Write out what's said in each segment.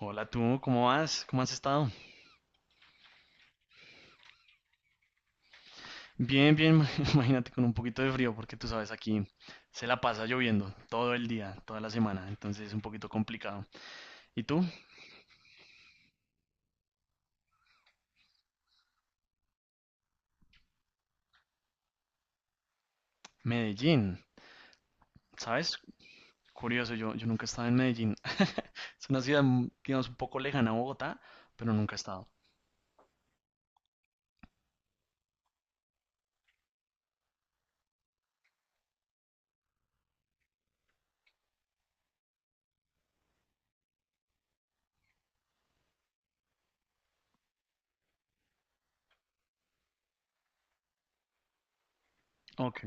Hola tú, ¿cómo vas? ¿Cómo has estado? Bien, bien, imagínate con un poquito de frío porque tú sabes aquí se la pasa lloviendo todo el día, toda la semana, entonces es un poquito complicado. ¿Y tú? Medellín, ¿sabes? Curioso, yo nunca he estado en Medellín. Es una ciudad, digamos, un poco lejana a Bogotá, pero nunca he estado. Ok.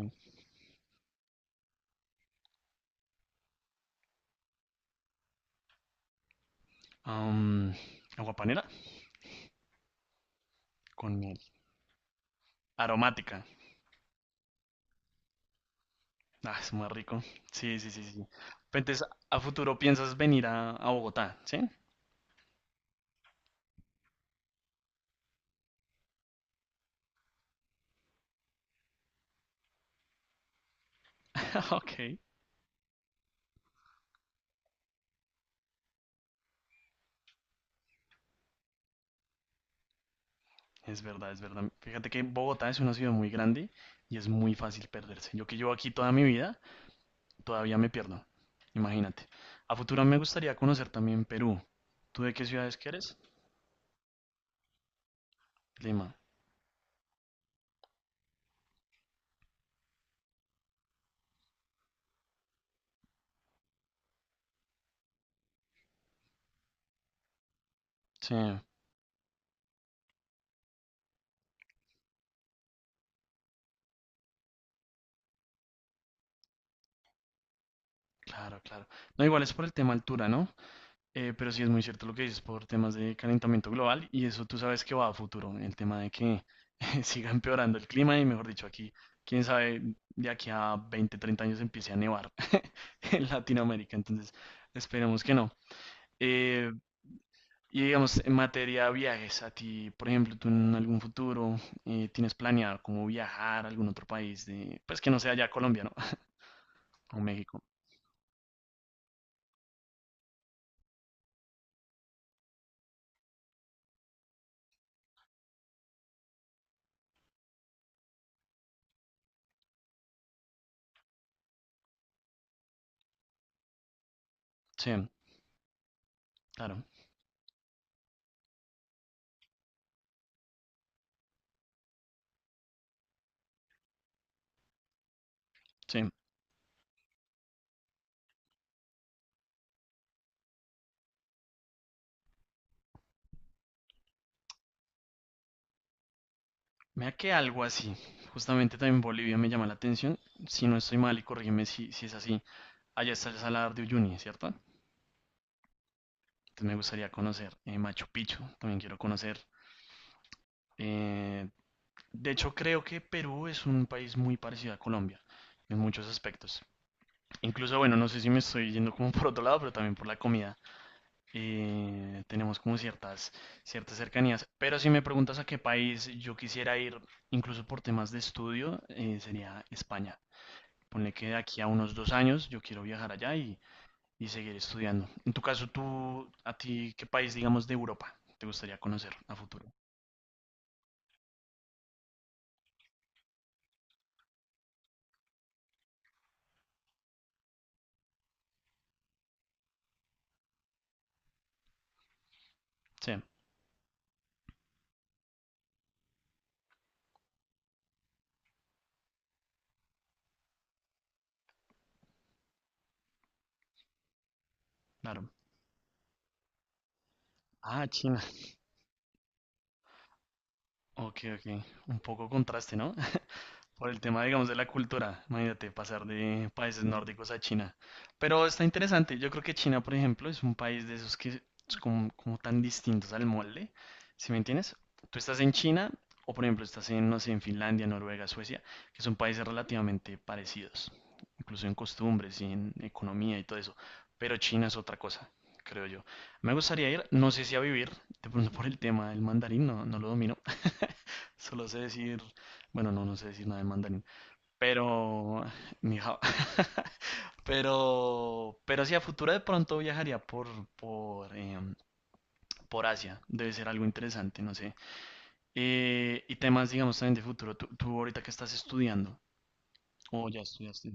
Am, agua panela con miel. Aromática. Ah, es muy rico. Sí, sí, sí, sí. Pero entonces, a futuro piensas venir a Bogotá, ¿sí? Ok. Es verdad, es verdad. Fíjate que Bogotá es una ciudad muy grande y es muy fácil perderse. Yo que llevo aquí toda mi vida, todavía me pierdo. Imagínate. A futuro me gustaría conocer también Perú. ¿Tú de qué ciudades que eres? Lima. Sí, claro, claro. No, igual es por el tema altura, ¿no? Pero sí es muy cierto lo que dices por temas de calentamiento global y eso tú sabes que va a futuro, el tema de que siga empeorando el clima y mejor dicho aquí, quién sabe, de aquí a 20-30 años empiece a nevar en Latinoamérica, entonces esperemos que no. Eh, y digamos, en materia de viajes, a ti, por ejemplo, tú en algún futuro tienes planeado como viajar a algún otro país, pues que no sea ya Colombia, ¿no? O México. Sí, claro, sí. Mira que algo así, justamente también Bolivia me llama la atención, si no estoy mal y corrígeme si es así, allá está el Salar de Uyuni, ¿cierto? Entonces me gustaría conocer Machu Picchu, también quiero conocer. eh, de hecho creo que Perú es un país muy parecido a Colombia en muchos aspectos. Incluso, bueno, no sé si me estoy yendo como por otro lado, pero también por la comida. Tenemos como ciertas cercanías. Pero si me preguntas a qué país yo quisiera ir, incluso por temas de estudio, sería España. Ponle que de aquí a unos 2 años yo quiero viajar allá y seguir estudiando. En tu caso, tú, a ti, ¿qué país, digamos, de Europa te gustaría conocer a futuro? Sí, claro. Ah, China. Ok, ok. Un poco contraste, ¿no? Por el tema, digamos, de la cultura. Imagínate pasar de países nórdicos a China. Pero está interesante. Yo creo que China, por ejemplo, es un país de esos que es como tan distintos al molde. ¿Sí me entiendes? Tú estás en China o, por ejemplo, estás en, no sé, en Finlandia, Noruega, Suecia, que son países relativamente parecidos, incluso en costumbres y en economía y todo eso. Pero China es otra cosa, creo yo. Me gustaría ir, no sé si a vivir, de pronto por el tema del mandarín, no, no lo domino. Solo sé decir bueno, no, no sé decir nada en mandarín. Pero, ni hao. Pero sí, a futuro de pronto viajaría por, em, por Asia. Debe ser algo interesante, no sé. Y temas, digamos, también de futuro. Tú ahorita que estás estudiando. O ya estudiaste.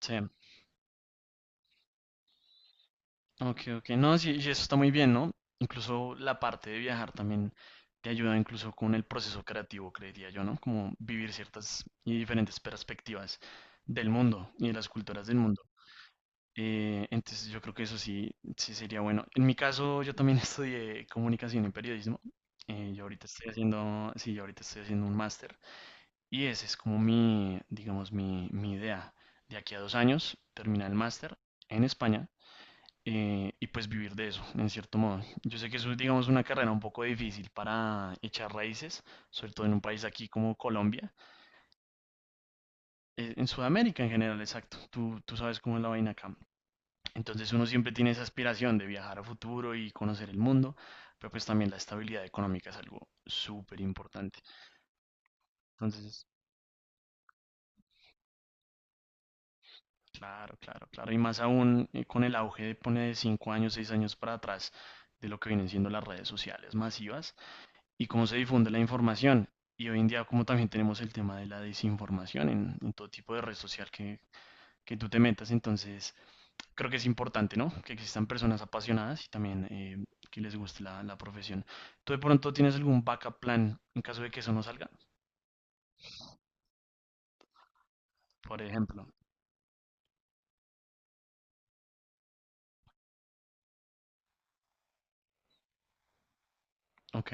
Sí. Ok, ok. No, sí, y eso está muy bien, ¿no? Incluso la parte de viajar también te ayuda incluso con el proceso creativo, creería yo, ¿no? Como vivir ciertas y diferentes perspectivas del mundo y de las culturas del mundo. Entonces yo creo que eso sí, sí sería bueno. En mi caso, yo también estudié comunicación y periodismo. Yo ahorita estoy haciendo un máster. Y ese es como mi, digamos, mi idea. De aquí a 2 años, terminar el máster en España y pues vivir de eso, en cierto modo. Yo sé que eso es, digamos, una carrera un poco difícil para echar raíces, sobre todo en un país aquí como Colombia. En Sudamérica en general, exacto. Tú sabes cómo es la vaina acá. Entonces uno siempre tiene esa aspiración de viajar a futuro y conocer el mundo, pero pues también la estabilidad económica es algo súper importante. Entonces, claro, claro, claro. Y más aún con el auge de pone de 5 años, 6 años para atrás de lo que vienen siendo las redes sociales masivas y cómo se difunde la información. Y hoy en día como también tenemos el tema de la desinformación en todo tipo de red social que tú te metas, entonces creo que es importante, ¿no? Que existan personas apasionadas y también que les guste la profesión. ¿Tú de pronto tienes algún backup plan en caso de que eso no salga? Por ejemplo. Ok,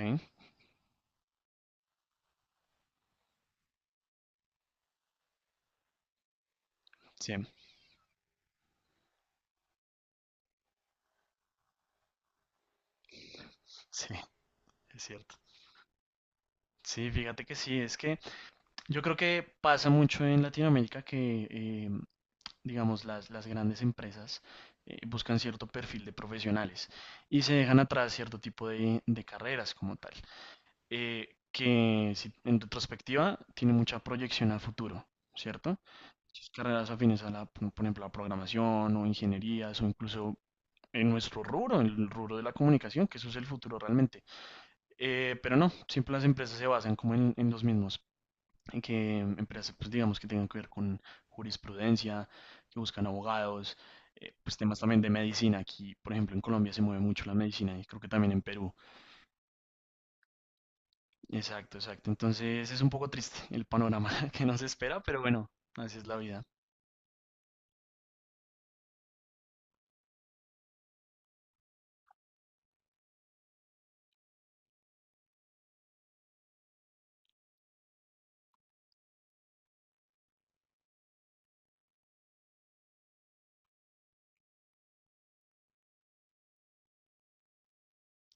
sí, sí, es cierto. Sí, fíjate que sí, es que yo creo que pasa mucho en Latinoamérica que, digamos, las grandes empresas buscan cierto perfil de profesionales y se dejan atrás cierto tipo de carreras como tal, que en retrospectiva tiene mucha proyección a futuro, ¿cierto? Sus carreras afines a la, por ejemplo, a programación o ingenierías o incluso en nuestro rubro, en el rubro de la comunicación, que eso es el futuro realmente. Pero no, siempre las empresas se basan como en los mismos, en que empresas, pues digamos, que tengan que ver con jurisprudencia, que buscan abogados, pues temas también de medicina. Aquí, por ejemplo, en Colombia se mueve mucho la medicina y creo que también en Perú. Exacto, exacto. Entonces es un poco triste el panorama que nos espera, pero bueno, así es la vida.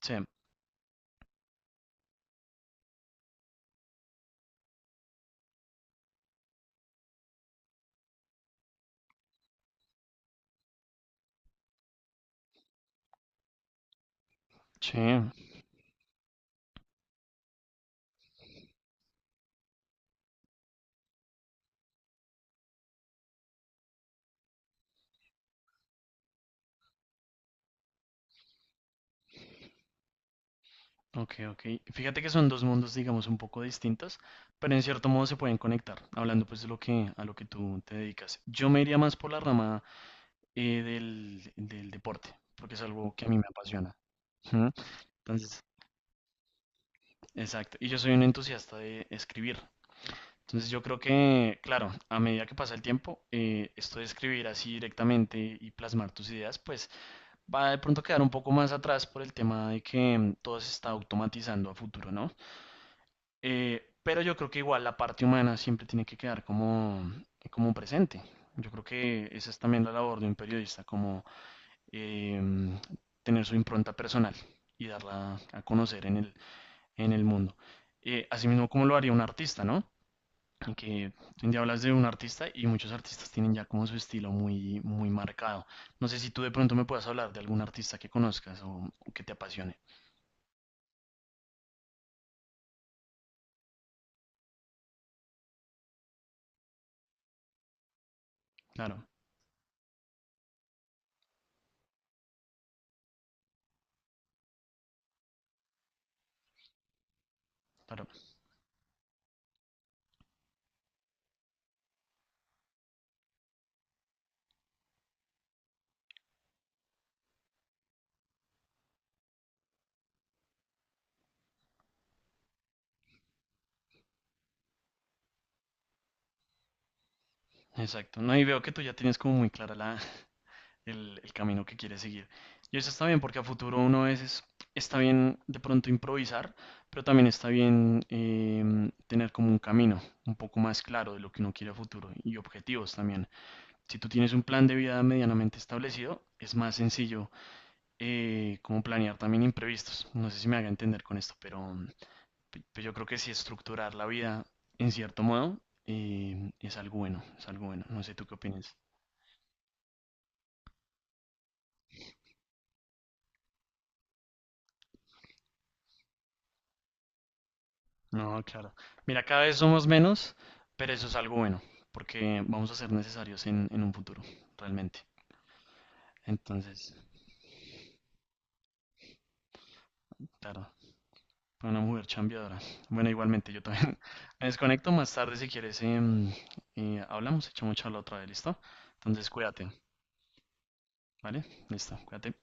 Sí, sí, ok, ok. Fíjate que son dos mundos, digamos, un poco distintos, pero en cierto modo se pueden conectar, hablando pues a lo que tú te dedicas. Yo me iría más por la rama del deporte, porque es algo que a mí me apasiona. Ujú. Entonces, exacto. Y yo soy un entusiasta de escribir. Entonces yo creo que, claro, a medida que pasa el tiempo, esto de escribir así directamente y plasmar tus ideas, pues va de pronto a quedar un poco más atrás por el tema de que todo se está automatizando a futuro, ¿no? Pero yo creo que igual la parte humana siempre tiene que quedar como presente. Yo creo que esa es también la labor de un periodista, como eh, tener su impronta personal y darla a conocer en el mundo. Asimismo, como lo haría un artista, ¿no? Que un día hablas de un artista y muchos artistas tienen ya como su estilo muy, muy marcado. No sé si tú de pronto me puedas hablar de algún artista que conozcas o que te apasione. Claro, claro, exacto. No, y veo que tú ya tienes como muy clara el camino que quiere seguir. Y eso está bien porque a futuro uno a veces está bien de pronto improvisar, pero también está bien tener como un camino un poco más claro de lo que uno quiere a futuro y objetivos también. Si tú tienes un plan de vida medianamente establecido, es más sencillo como planear también imprevistos. No sé si me haga entender con esto, pero pues yo creo que sí estructurar la vida en cierto modo es algo bueno, es algo bueno. No sé tú qué opinas. No, claro. Mira, cada vez somos menos, pero eso es algo bueno, porque vamos a ser necesarios en un futuro, realmente. Entonces, claro, fue una mujer chambeadora. Bueno, igualmente, yo también me desconecto más tarde si quieres. Hablamos, echamos charla otra vez, ¿listo? Entonces, cuídate, ¿vale? Listo, cuídate.